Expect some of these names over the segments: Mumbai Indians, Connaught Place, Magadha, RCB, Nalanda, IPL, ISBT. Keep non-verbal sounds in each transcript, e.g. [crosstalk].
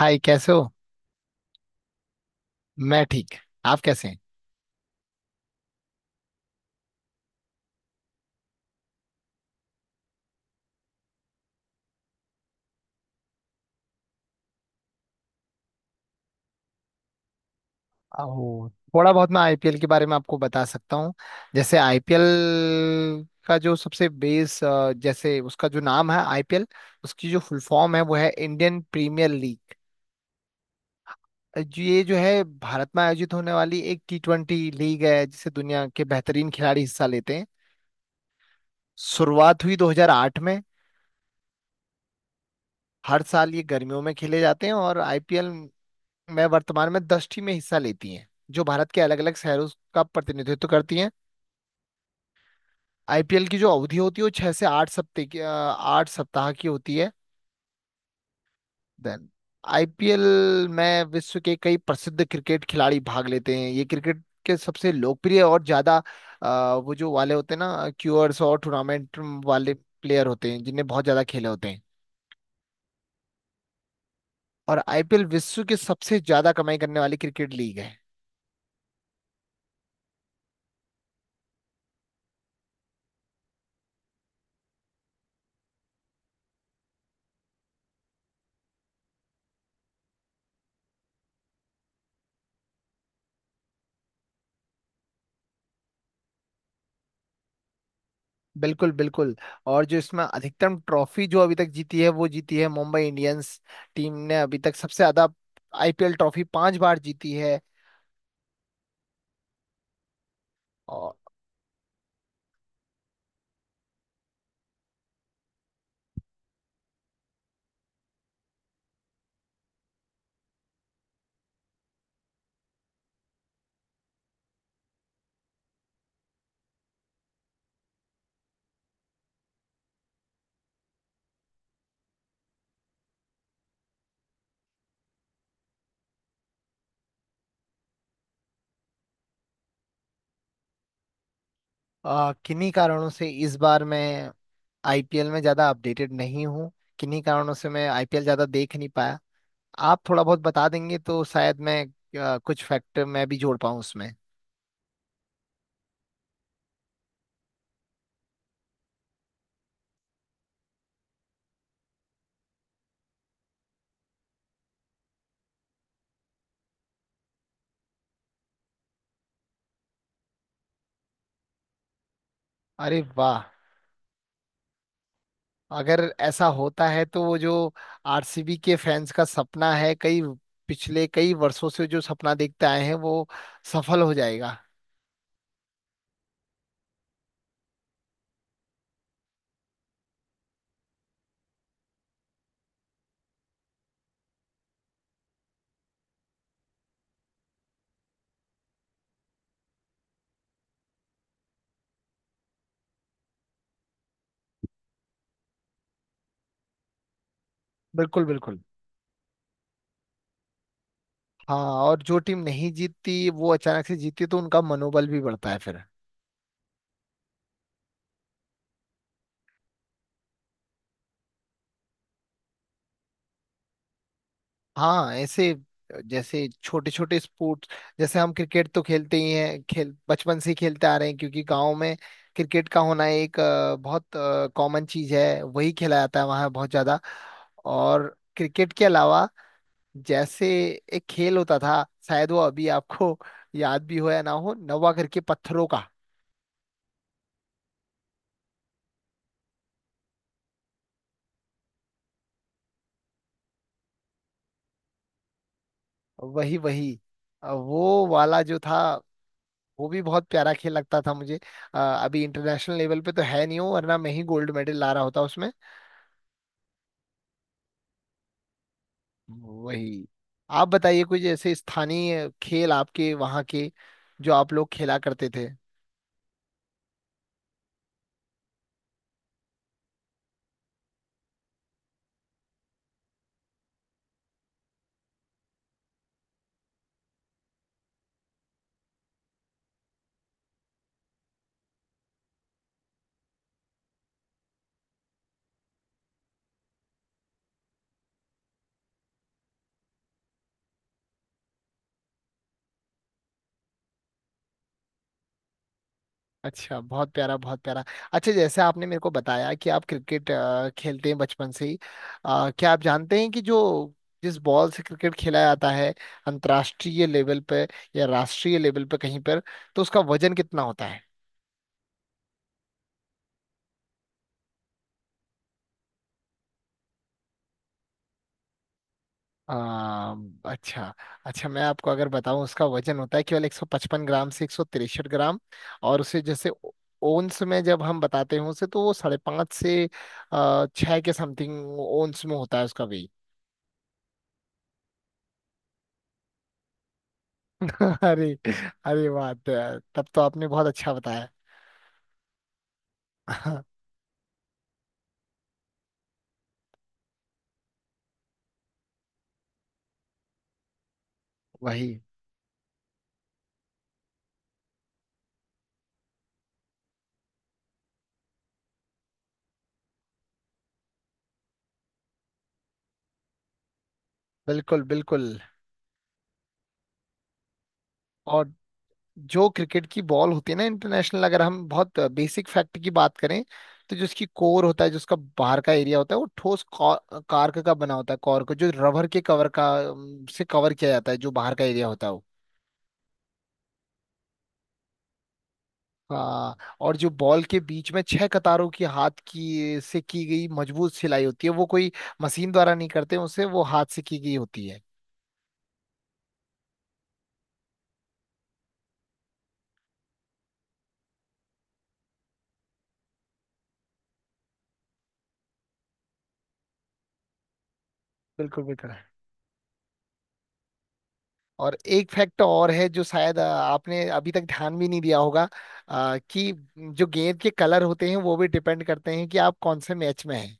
हाय कैसे हो। मैं ठीक। आप कैसे हैं। ओ, थोड़ा बहुत मैं आईपीएल के बारे में आपको बता सकता हूँ। जैसे आईपीएल का जो सबसे बेस जैसे उसका जो नाम है आईपीएल उसकी जो फुल फॉर्म है वो है इंडियन प्रीमियर लीग। ये जो है भारत में आयोजित होने वाली एक टी ट्वेंटी लीग है जिसे दुनिया के बेहतरीन खिलाड़ी हिस्सा लेते हैं। शुरुआत हुई 2008 में। हर साल ये गर्मियों में खेले जाते हैं और आईपीएल में वर्तमान में दस टीमें हिस्सा लेती हैं जो भारत के अलग अलग शहरों का प्रतिनिधित्व करती हैं। आईपीएल की जो अवधि होती है वो 6 से 8 सप्ताह की, 8 सप्ताह की होती है। देन आईपीएल में विश्व के कई प्रसिद्ध क्रिकेट खिलाड़ी भाग लेते हैं। ये क्रिकेट के सबसे लोकप्रिय और ज्यादा, वो जो वाले होते हैं ना क्यूअर्स और टूर्नामेंट वाले प्लेयर होते हैं जिन्हें बहुत ज्यादा खेले होते हैं। और आईपीएल विश्व की सबसे ज्यादा कमाई करने वाली क्रिकेट लीग है। बिल्कुल बिल्कुल। और जो इसमें अधिकतम ट्रॉफी जो अभी तक जीती है वो जीती है मुंबई इंडियंस टीम ने अभी तक सबसे ज्यादा आईपीएल ट्रॉफी 5 बार जीती है। और किन्हीं कारणों से इस बार मैं आईपीएल में ज्यादा अपडेटेड नहीं हूँ। किन्हीं कारणों से मैं आईपीएल ज्यादा देख नहीं पाया। आप थोड़ा बहुत बता देंगे तो शायद मैं कुछ फैक्टर मैं भी जोड़ पाऊँ उसमें। अरे वाह। अगर ऐसा होता है तो वो जो आरसीबी के फैंस का सपना है, कई पिछले कई वर्षों से जो सपना देखते आए हैं, वो सफल हो जाएगा। बिल्कुल बिल्कुल। हाँ। और जो टीम नहीं जीतती वो अचानक से जीतती तो उनका मनोबल भी बढ़ता है फिर। हाँ ऐसे। जैसे छोटे छोटे स्पोर्ट्स, जैसे हम क्रिकेट तो खेलते ही हैं, खेल बचपन से ही खेलते आ रहे हैं क्योंकि गांव में क्रिकेट का होना एक बहुत कॉमन चीज है। वही खेला जाता है वहाँ बहुत ज्यादा। और क्रिकेट के अलावा जैसे एक खेल होता था, शायद वो अभी आपको याद भी हो या ना हो, नवा करके पत्थरों का। वही वही, वो वाला जो था वो भी बहुत प्यारा खेल लगता था मुझे। अभी इंटरनेशनल लेवल पे तो है नहीं हो, वरना मैं ही गोल्ड मेडल ला रहा होता उसमें। वही। आप बताइए कुछ ऐसे स्थानीय खेल आपके वहाँ के, जो आप लोग खेला करते थे। अच्छा, बहुत प्यारा बहुत प्यारा। अच्छा, जैसे आपने मेरे को बताया कि आप क्रिकेट खेलते हैं बचपन से ही। क्या आप जानते हैं कि जो जिस बॉल से क्रिकेट खेला जाता है अंतर्राष्ट्रीय लेवल पे या राष्ट्रीय लेवल पे कहीं पर, तो उसका वजन कितना होता है। आ, अच्छा। अच्छा, मैं आपको अगर बताऊं उसका वजन होता है केवल 155 ग्राम से 163 ग्राम। और उसे जैसे ओंस में जब हम बताते हैं उसे, तो वो 5.5 से 6 के समथिंग ओंस में होता है उसका वेट। अरे अरे, बात तो है यार, तब तो आपने बहुत अच्छा बताया। हाँ, वही। बिल्कुल बिल्कुल। और जो क्रिकेट की बॉल होती है ना इंटरनेशनल, अगर हम बहुत बेसिक फैक्ट की बात करें, तो जो उसकी कोर होता है, जो उसका बाहर का एरिया होता है, वो ठोस कार्क का बना होता है। कॉर्क को जो रबर के कवर का से कवर किया जाता है, जो बाहर का एरिया होता है वो। हाँ। और जो बॉल के बीच में छह कतारों की हाथ की से की गई मजबूत सिलाई होती है, वो कोई मशीन द्वारा नहीं करते उसे, वो हाथ से की गई होती है। बिल्कुल बिल्कुल। और एक फैक्ट और है जो शायद आपने अभी तक ध्यान भी नहीं दिया होगा। कि जो गेंद के कलर होते हैं वो भी डिपेंड करते हैं कि आप कौन से मैच में हैं।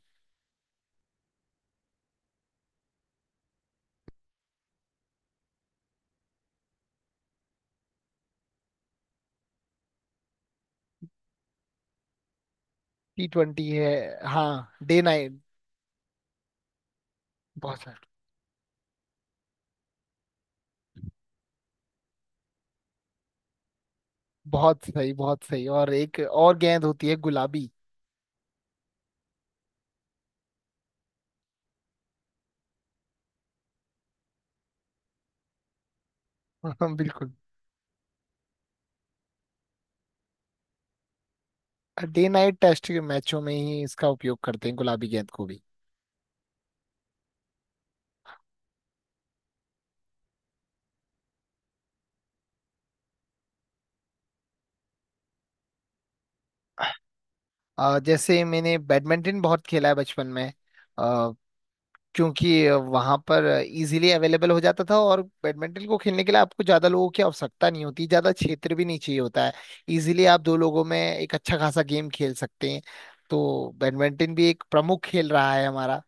टी ट्वेंटी है। हाँ, डे नाइट। बहुत सही। बहुत सही बहुत सही, और एक और गेंद होती है, गुलाबी। [laughs] बिल्कुल। डे नाइट टेस्ट के मैचों में ही इसका उपयोग करते हैं गुलाबी गेंद को भी। जैसे मैंने बैडमिंटन बहुत खेला है बचपन में, क्योंकि वहां पर इजीली अवेलेबल हो जाता था, और बैडमिंटन को खेलने के लिए आपको ज्यादा लोगों की आवश्यकता नहीं होती, ज्यादा क्षेत्र भी नहीं चाहिए होता है। इजीली आप दो लोगों में एक अच्छा खासा गेम खेल सकते हैं। तो बैडमिंटन भी एक प्रमुख खेल रहा है हमारा।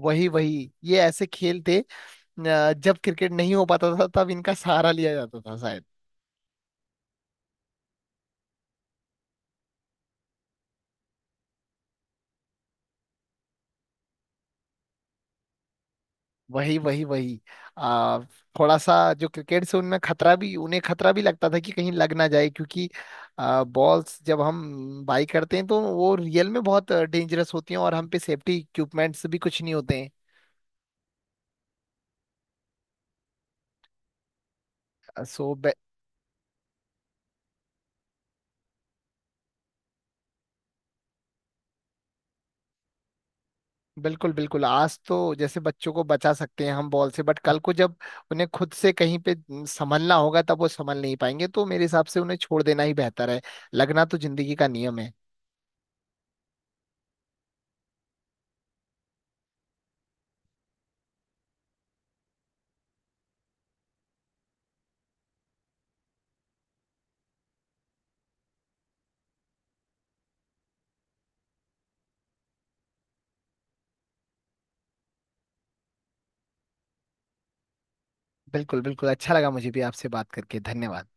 वही वही, ये ऐसे खेल थे जब क्रिकेट नहीं हो पाता था तब इनका सहारा लिया जाता था शायद। वही वही वही। आ, थोड़ा सा जो क्रिकेट से उनमें खतरा भी उन्हें खतरा भी लगता था कि कहीं लग ना जाए, क्योंकि बॉल्स जब हम बाई करते हैं तो वो रियल में बहुत डेंजरस होती हैं, और हम पे सेफ्टी इक्विपमेंट्स भी कुछ नहीं होते हैं। बिल्कुल बिल्कुल, आज तो जैसे बच्चों को बचा सकते हैं हम बॉल से, बट कल को जब उन्हें खुद से कहीं पे संभलना होगा तब वो संभल नहीं पाएंगे, तो मेरे हिसाब से उन्हें छोड़ देना ही बेहतर है। लगना तो जिंदगी का नियम है। बिल्कुल बिल्कुल, अच्छा लगा मुझे भी आपसे बात करके। धन्यवाद।